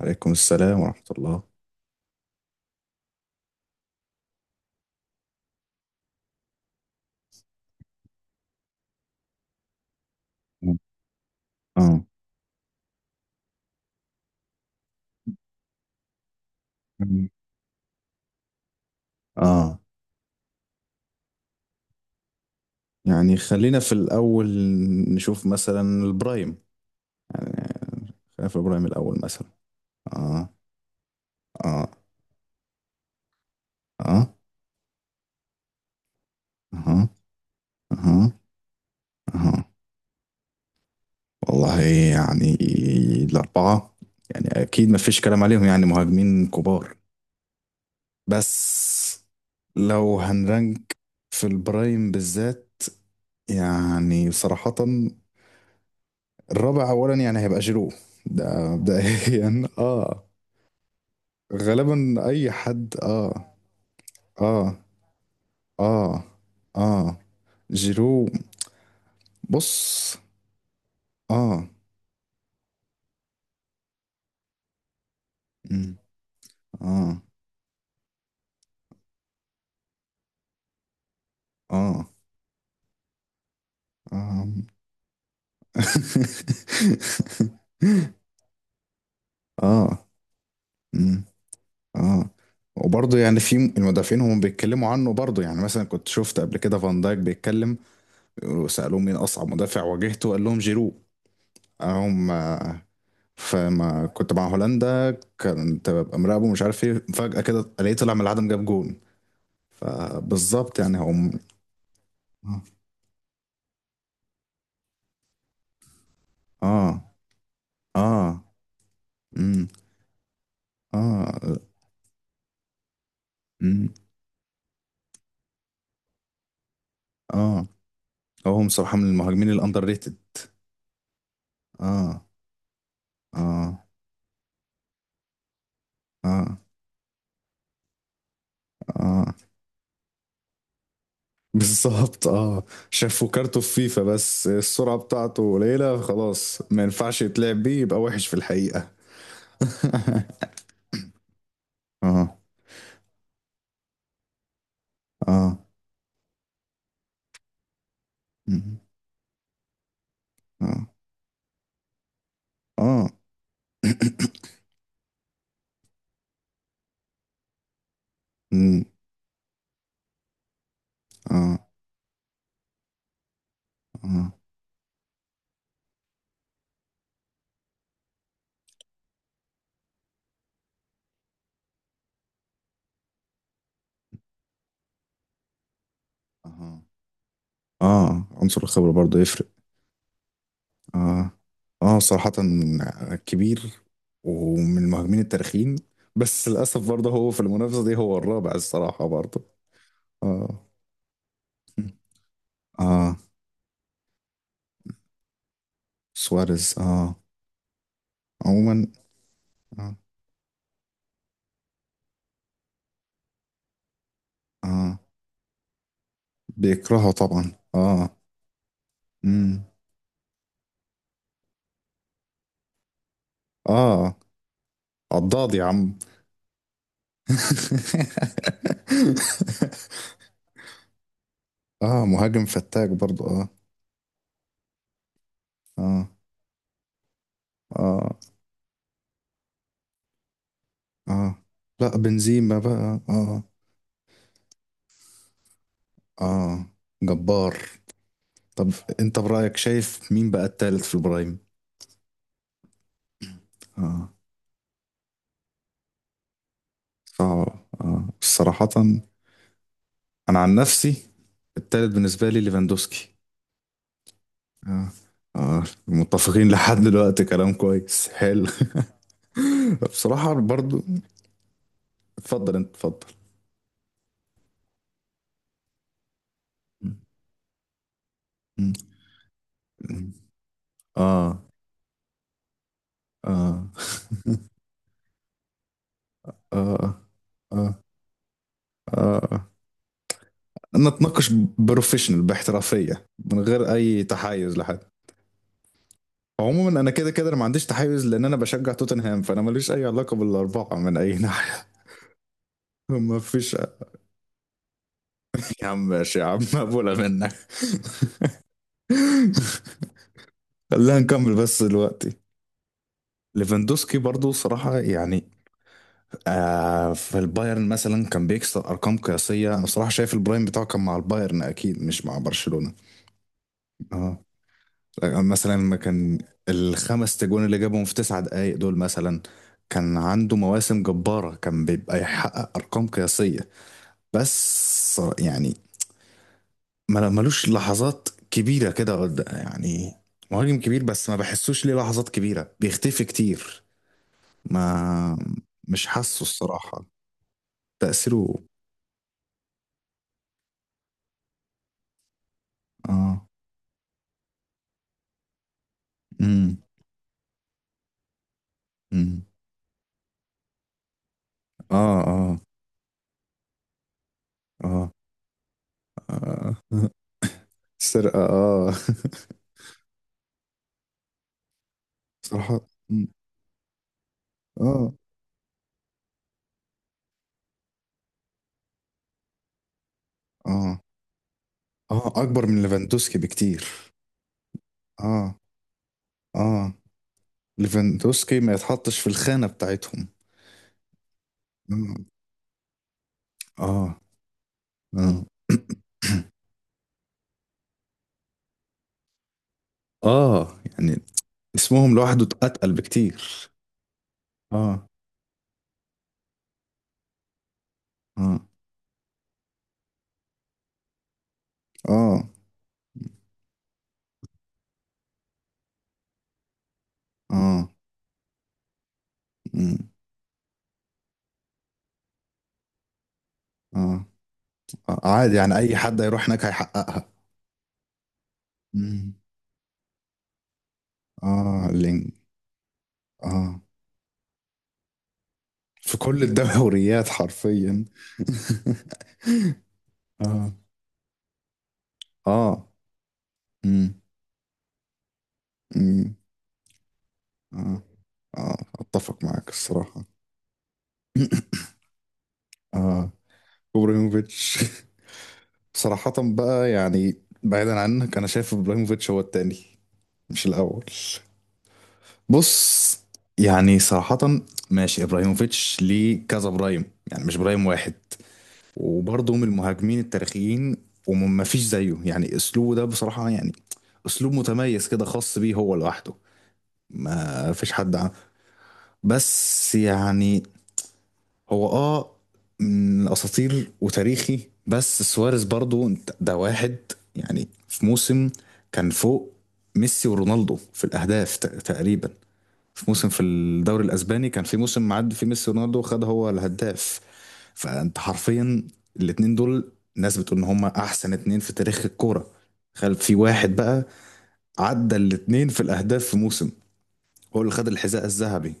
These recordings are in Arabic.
عليكم السلام ورحمة الله. اه. اه. يعني خلينا في الأول نشوف مثلا البرايم. يعني خلينا في البرايم الأول مثلا. اه، اه، اه، اها، اها، اها. والله يعني الأربعة، يعني أكيد ما فيش كلام عليهم، يعني مهاجمين كبار. بس لو هنرنك في البرايم بالذات، يعني صراحة الرابع اولا يعني هيبقى جيرو. ده مبدئيا اه. غالبا اي حد اه، اه، اه، اه جيرو. بص. اه. مم. اه، اه، اه. اه. مم. اه. وبرضه يعني في المدافعين هم بيتكلموا عنه برضه، يعني مثلا كنت شفت قبل كده فان دايك بيتكلم وسألوه مين أصعب مدافع واجهته قال لهم جيرو. هم. فما كنت مع هولندا كنت ببقى مراقبه مش عارف ايه، فجأة كده الاقيه طلع من العدم جاب جون. فبالظبط يعني. هم. اه، اه، امم. اه، امم. اه. هو بصراحة من المهاجمين الاندر ريتد. اه، اه، اه، اه، بالظبط اه. شافوا كارته في فيفا، بس السرعة بتاعته قليلة خلاص، ما ينفعش يتلعب بيه، يبقى وحش في الحقيقة. اه. اه. مم. اه. اه. اه. اه. اه. اه عنصر الخبرة برضه يفرق. اه. اه صراحة كبير، ومن المهاجمين التاريخيين، بس للأسف برضه هو في المنافسة دي هو الرابع الصراحة برضه. اه. اه. سواريز. اه عموما. اه، اه، بيكرهه طبعا اه. امم. اه. عضاض يا عم. اه مهاجم فتاك برضه اه. اه، اه، اه. لا بنزيما بقى اه. اه. جبار. طب انت برأيك شايف مين بقى التالت في البرايم؟ اه. صعب اه صراحة. انا عن نفسي التالت بالنسبة لي ليفاندوسكي. اه. اه متفقين لحد دلوقتي، كلام كويس حلو. بصراحة برضو. اتفضل انت اتفضل. م- م- اه اه. اه. اه. اه. نتناقش بروفيشنال باحترافيه من غير اي تحيز لحد. عموما انا كده كده أنا ما عنديش تحيز، لان انا بشجع توتنهام، فانا ماليش اي علاقه بالاربعه من اي ناحيه. ما فيش. يا عم ماشي يا عم مقبوله منك. خلينا نكمل بس دلوقتي. ليفاندوسكي برضو صراحة يعني، آه في البايرن مثلا كان بيكسر أرقام قياسية. أنا صراحة شايف البرايم بتاعه كان مع البايرن أكيد، مش مع برشلونة. آه. مثلا ما كان الخمس تجوان اللي جابهم في 9 دقايق دول مثلا، كان عنده مواسم جبارة كان بيبقى يحقق أرقام قياسية. بس يعني ملوش لحظات كبيرة كده يعني مهاجم كبير بس ما بحسوش ليه لحظات كبيرة، بيختفي كتير. ما مش حاسه الصراحة. تأثيره. اه. امم. امم. اه. اه. اه، آه. سرقة اه صراحة. مم. اه. اه. اه اكبر من ليفاندوسكي بكتير. اه. اه ليفاندوسكي ما يتحطش في الخانة بتاعتهم. اه. اه. اه، آه. يعني اسمهم لوحده اتقل بكتير. اه. اه. اه. اه. مم. اه. آه. عادي يعني اي حد هيروح هناك هيحققها. مم. اه لينج. اه في كل الدوريات حرفيا. اه. اه. مم. مم. اه. اه اتفق معاك الصراحة. اه. ابراهيموفيتش. صراحة بقى يعني، بعيدا عنك انا شايف ابراهيموفيتش هو التاني، مش الاول. بص، يعني صراحة ماشي، ابراهيموفيتش ليه كذا برايم، يعني مش برايم واحد. وبرضه من المهاجمين التاريخيين، وما فيش زيه يعني، اسلوبه ده بصراحة يعني اسلوب متميز كده خاص بيه هو لوحده، ما فيش حد عنه. بس يعني هو اه من اساطير وتاريخي. بس سواريز برضو ده واحد يعني في موسم كان فوق ميسي ورونالدو في الاهداف تقريبا في موسم في الدوري الاسباني كان في موسم معدي فيه ميسي ورونالدو، خد هو الهداف. فانت حرفيا الاتنين دول، ناس بتقول ان هما احسن اتنين في تاريخ الكوره، خلف في واحد بقى عدى الاتنين في الاهداف في موسم، هو اللي خد الحذاء الذهبي.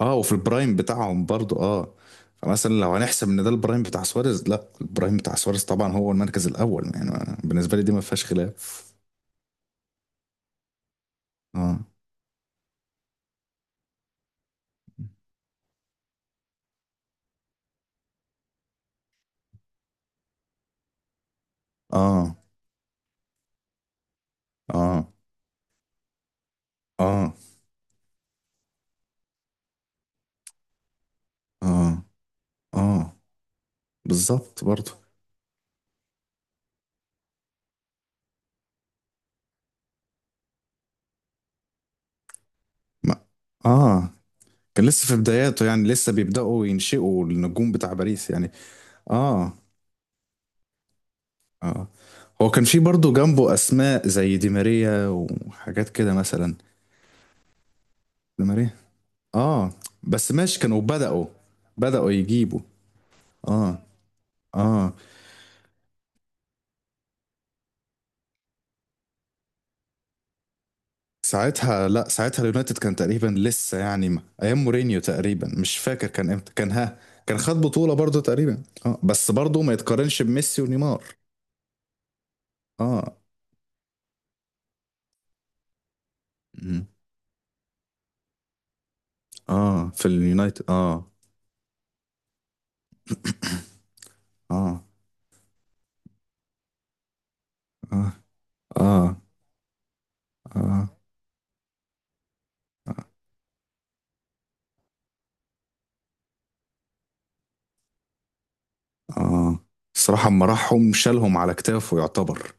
اه وفي البرايم بتاعهم برضو اه. فمثلا لو هنحسب ان ده البرايم بتاع سواريز، لا البرايم بتاع سواريز طبعا هو المركز الاول، يعني بالنسبه لي دي ما فيهاش خلاف. اه. اه. اه. اه. اه. اه بالظبط برضو. ما اه. كان لسه في بداياته، يعني لسه بيبداوا ينشئوا النجوم بتاع باريس يعني. اه. اه. هو كان في برضو جنبه اسماء زي دي ماريا وحاجات كده مثلا. دي ماريا. اه بس ماشي كانوا بدأوا بدأوا يجيبوا. اه. اه. ساعتها لا، ساعتها اليونايتد كان تقريبا لسه يعني ايام مورينيو تقريبا، مش فاكر كان امتى كان. ها كان خد بطولة برضه تقريبا اه، بس برضه ما يتقارنش بميسي ونيمار. اه. مم. اه في اليونايتد اه. اه. اه. اه. اه. اه. الصراحة اما راحهم شالهم على كتافه يعتبر.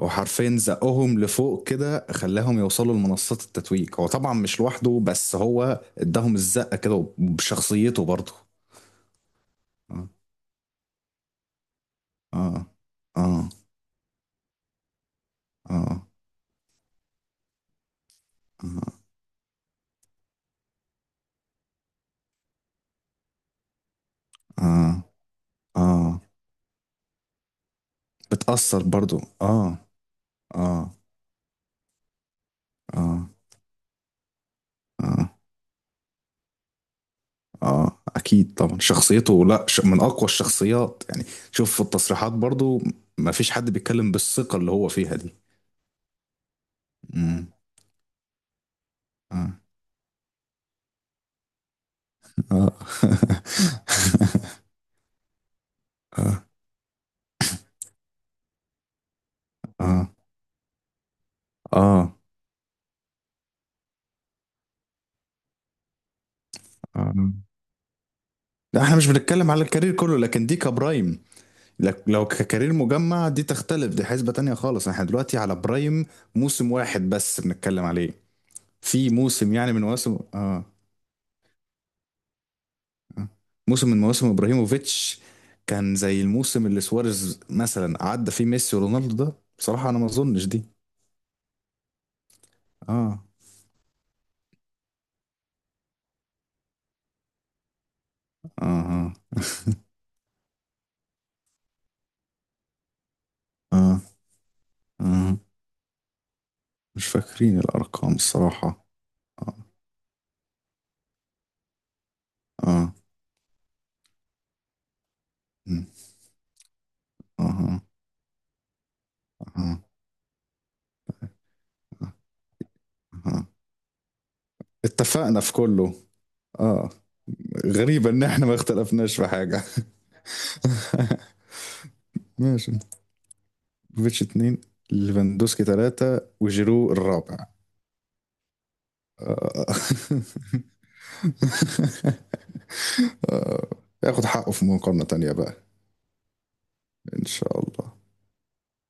هو حرفيا زقهم لفوق كده، خلاهم يوصلوا لمنصات التتويج، هو طبعا مش لوحده بس هو اداهم الزقة كده وبشخصيته برضه. آه. اه. اه. اه. اه. اه. اه، آه، آه، آه، بتأثر برضو اه. اه. اه. اه. اه اكيد طبعا شخصيته، لا من اقوى الشخصيات يعني. شوف في التصريحات برضو، ما فيش حد بيتكلم بالثقة اللي هو فيها دي. امم. اه. اه. اه. اه. اه. آه. آه، آه. لا احنا مش بنتكلم على الكارير كله، لكن دي كبرايم. لو ككارير مجمع دي تختلف، دي حسبة تانية خالص، احنا دلوقتي على برايم موسم واحد بس بنتكلم عليه. في موسم يعني من مواسم اه. آه. موسم من مواسم ابراهيموفيتش كان زي الموسم اللي سواريز مثلا عدى فيه ميسي ورونالدو ده، بصراحة انا ما اظنش دي. اه. اه. اه. اه، آه. مش فاكرين الارقام الصراحة. اه. اه. مم. اه. اه. اه، آه. آه. اتفقنا في كله. اه غريبة ان احنا ما اختلفناش في حاجة. ماشي. فيتش اتنين، ليفاندوسكي تلاتة وجيرو الرابع. آه. ياخد حقه في مقارنة تانية بقى. إن شاء الله.